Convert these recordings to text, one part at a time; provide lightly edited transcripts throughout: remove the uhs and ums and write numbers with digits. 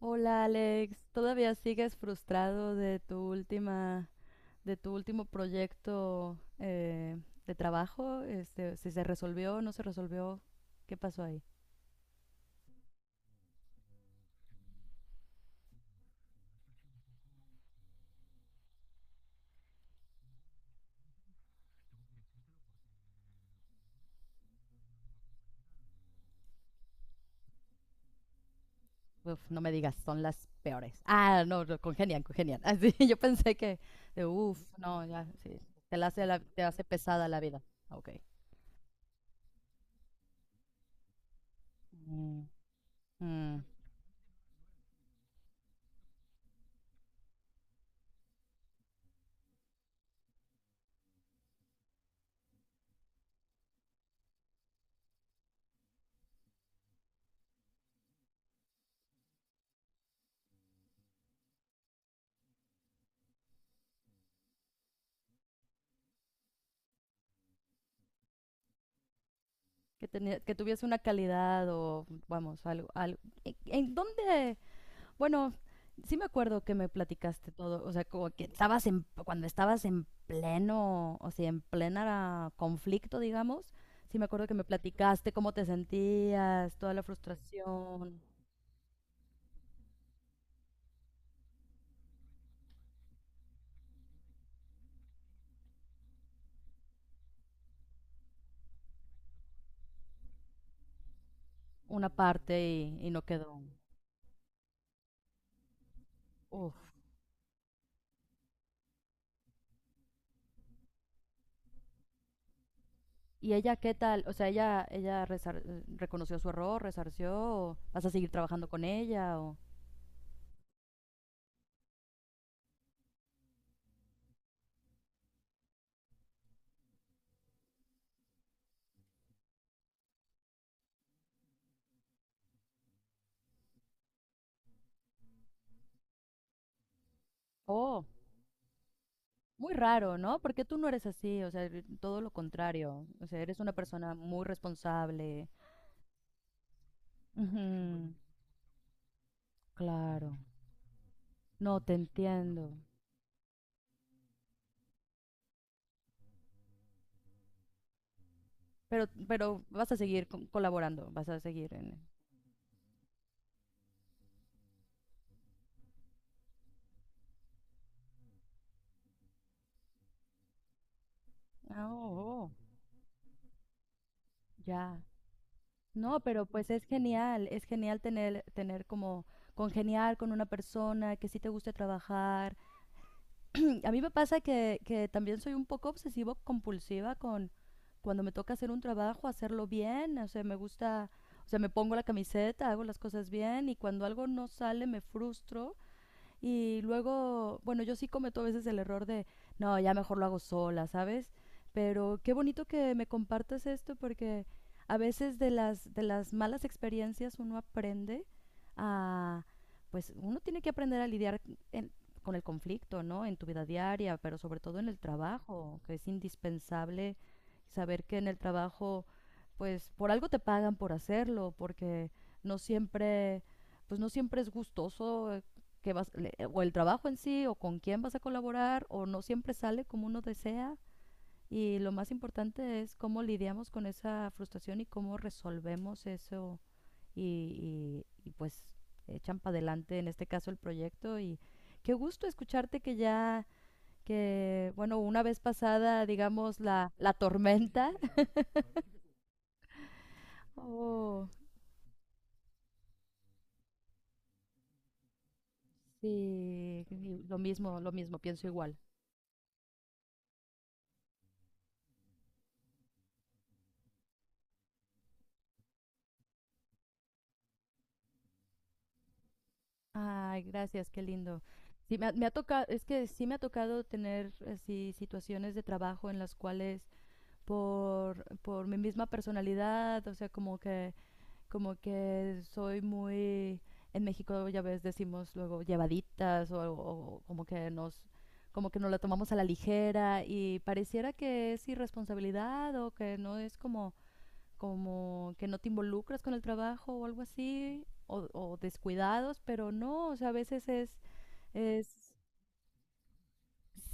Hola Alex, ¿todavía sigues frustrado de tu última, de tu último proyecto de trabajo? ¿Si se resolvió, no se resolvió, qué pasó ahí? Uf, no me digas, son las peores. Ah, no, no, congenian, congenian. Así, yo pensé que, de, uf, no, ya, sí, te la hace, te hace pesada la vida. Ah, Ok. Mm, mm. Que tenía, que tuviese una calidad o, vamos, algo, algo. ¿En dónde? Bueno, sí me acuerdo que me platicaste todo, o sea, como que estabas en, cuando estabas en pleno, o sea, en plena conflicto, digamos, sí me acuerdo que me platicaste cómo te sentías, toda la frustración, una parte y no quedó. Uf. ¿Y ella qué tal? O sea, ella reconoció su error, resarció, o vas a seguir trabajando con ella, o... Oh, muy raro, ¿no? Porque tú no eres así, o sea, todo lo contrario, o sea, eres una persona muy responsable. Ujú. Claro, no te entiendo. Pero vas a seguir colaborando, vas a seguir en... Ah, oh, oh, ya. No, pero pues es genial tener, tener como congeniar con una persona que sí te guste trabajar. A mí me pasa que también soy un poco obsesivo compulsiva con cuando me toca hacer un trabajo, hacerlo bien, o sea, me gusta, o sea, me pongo la camiseta, hago las cosas bien y cuando algo no sale me frustro. Y luego, bueno, yo sí cometo a veces el error de, no, ya mejor lo hago sola, ¿sabes? Pero qué bonito que me compartas esto porque a veces de las malas experiencias uno aprende a, pues uno tiene que aprender a lidiar en- con el conflicto, ¿no? En tu vida diaria, pero sobre todo en el trabajo, que es indispensable saber que en el trabajo, pues por algo te pagan por hacerlo, porque no siempre, pues no siempre es gustoso que vas, o el trabajo en sí, o con quién vas a colaborar, o no siempre sale como uno desea. Y lo más importante es cómo lidiamos con esa frustración y cómo resolvemos eso y, y, pues echan para adelante, en este caso, el proyecto. Y qué gusto escucharte que ya, que bueno, una vez pasada, digamos, la tormenta. Oh, sí, y lo mismo, pienso igual. Ay, gracias, qué lindo. Sí, me ha tocado, es que sí me ha tocado tener así situaciones de trabajo en las cuales por mi misma personalidad, o sea, como que soy muy, en México ya ves, decimos luego llevaditas o como que nos la tomamos a la ligera y pareciera que es irresponsabilidad o que no es como como que no te involucras con el trabajo o algo así, o descuidados, pero no, o sea, a veces es,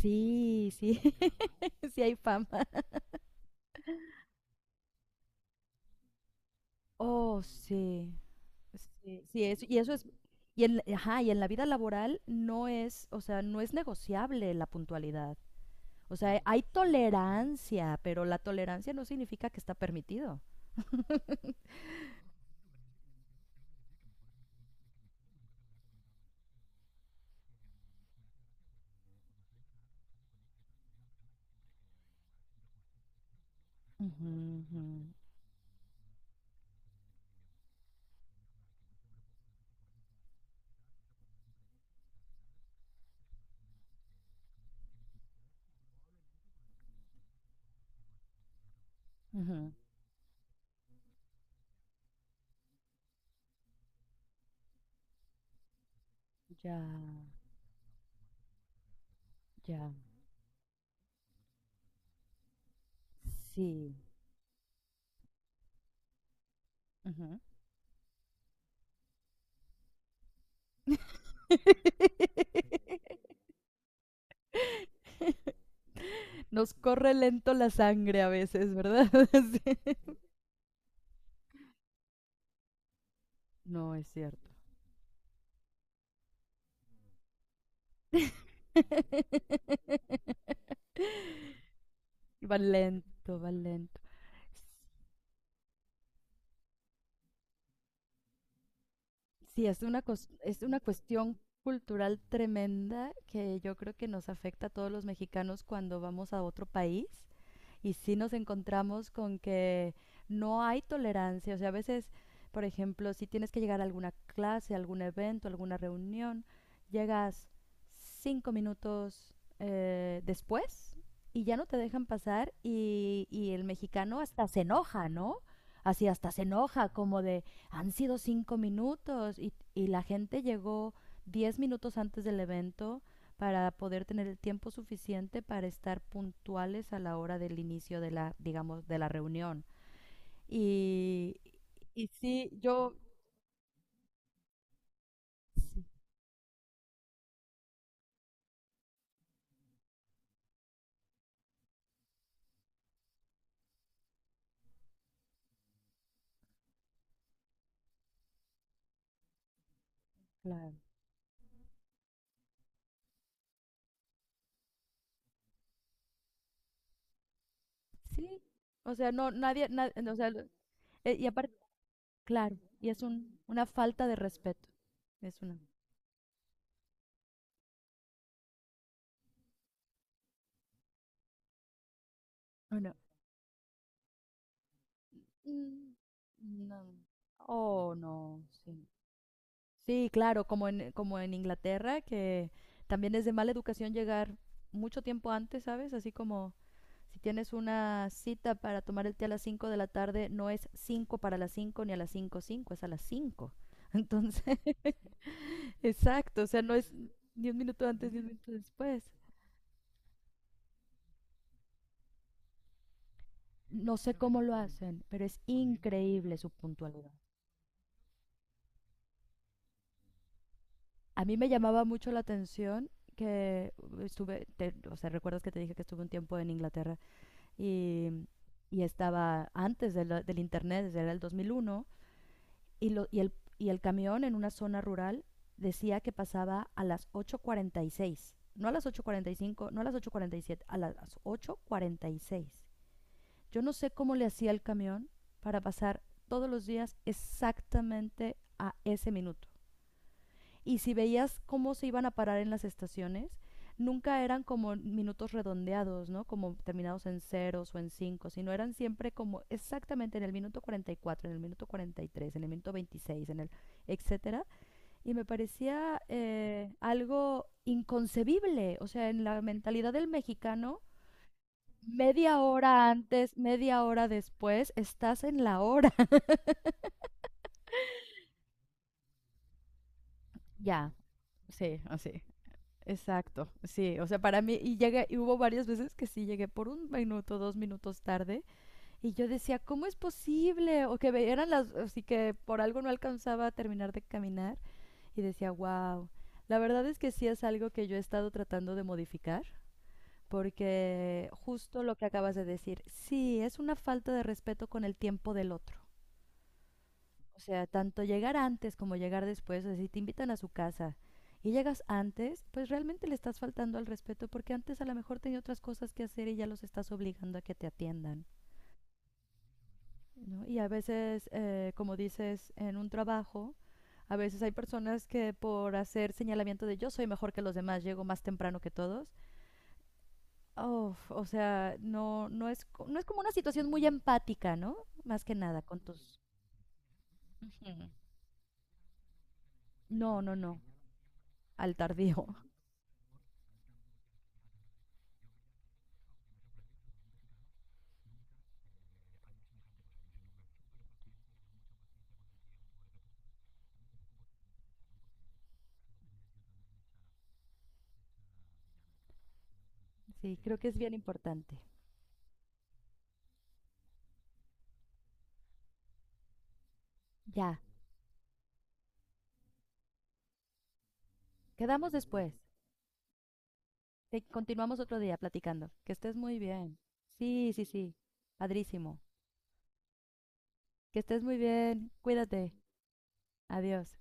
sí, sí, sí hay fama. Oh, sí, sí, sí, eso, y eso es, y en, ajá, y en la vida laboral no es, o sea, no es negociable la puntualidad. O sea, hay tolerancia, pero la tolerancia no significa que está permitido. Ujú, ujú, ujú. Ya, ya. Sí. Ujú. Nos corre lento la sangre a veces, ¿verdad? Sí. No es cierto. Va lento, va lento. Sí, es una, es una cuestión cultural tremenda que yo creo que nos afecta a todos los mexicanos cuando vamos a otro país y sí nos encontramos con que no hay tolerancia. O sea, a veces, por ejemplo, si tienes que llegar a alguna clase, algún evento, alguna reunión, llegas 5 minutos después y ya no te dejan pasar y el mexicano hasta se enoja, ¿no? Así hasta se enoja, como de, han sido 5 minutos y la gente llegó 10 minutos antes del evento para poder tener el tiempo suficiente para estar puntuales a la hora del inicio de la, digamos, de la reunión. Y, y sí, yo, sí, claro, sí, o sea, no, nadie, no, o sea, y aparte, claro, y es un, una falta de respeto, es una, oh, no, mm, no, oh, no, sí, sí, claro, como en, como en Inglaterra, que también es de mala educación llegar mucho tiempo antes, ¿sabes? Así como... Si tienes una cita para tomar el té a las cinco de la tarde, no es 5 para las 5 ni a las 5 cinco, es a las 5. Entonces, exacto, o sea, no es 10 minutos antes, 10 minutos después. No sé cómo lo hacen, pero es increíble su puntualidad. A mí me llamaba mucho la atención que estuve, o sea, recuerdas que te dije que estuve un tiempo en Inglaterra y, y estaba antes del internet, desde el 2001, y, lo, y el camión en una zona rural decía que pasaba a las 8:46. No a las 8:45, no a las 8:47, a las ocho cuarenta y seis. Yo no sé cómo le hacía el camión para pasar todos los días exactamente a ese minuto. Y si veías cómo se iban a parar en las estaciones, nunca eran como minutos redondeados, ¿no? Como terminados en ceros o en cinco, sino eran siempre como exactamente en el minuto 44, en el minuto 43, en el minuto 26, en el etcétera. Y me parecía algo inconcebible, o sea, en la mentalidad del mexicano, media hora antes, media hora después, estás en la hora. Ya, sí, así. Exacto, sí, o sea, para mí, y llegué, y hubo varias veces que sí llegué por un minuto, dos minutos tarde, y yo decía, ¿cómo es posible? O que eran las, así que por algo no alcanzaba a terminar de caminar, y decía, wow, la verdad es que sí es algo que yo he estado tratando de modificar, porque justo lo que acabas de decir, sí, es una falta de respeto con el tiempo del otro. O sea, tanto llegar antes como llegar después, o sea, si te invitan a su casa y llegas antes, pues realmente le estás faltando al respeto porque antes a lo mejor tenía otras cosas que hacer y ya los estás obligando a que te atiendan. ¿No? Y a veces, como dices, en un trabajo, a veces hay personas que por hacer señalamiento de yo soy mejor que los demás, llego más temprano que todos. Oh, o sea, no, no, es, no es como una situación muy empática, ¿no? Más que nada, con tus... No, no, no, al tardío. Sí, creo que es bien importante. Ya, quedamos después. Continuamos otro día platicando. Que estés muy bien. Sí, sí, sí. Padrísimo. Que estés muy bien. Cuídate. Adiós.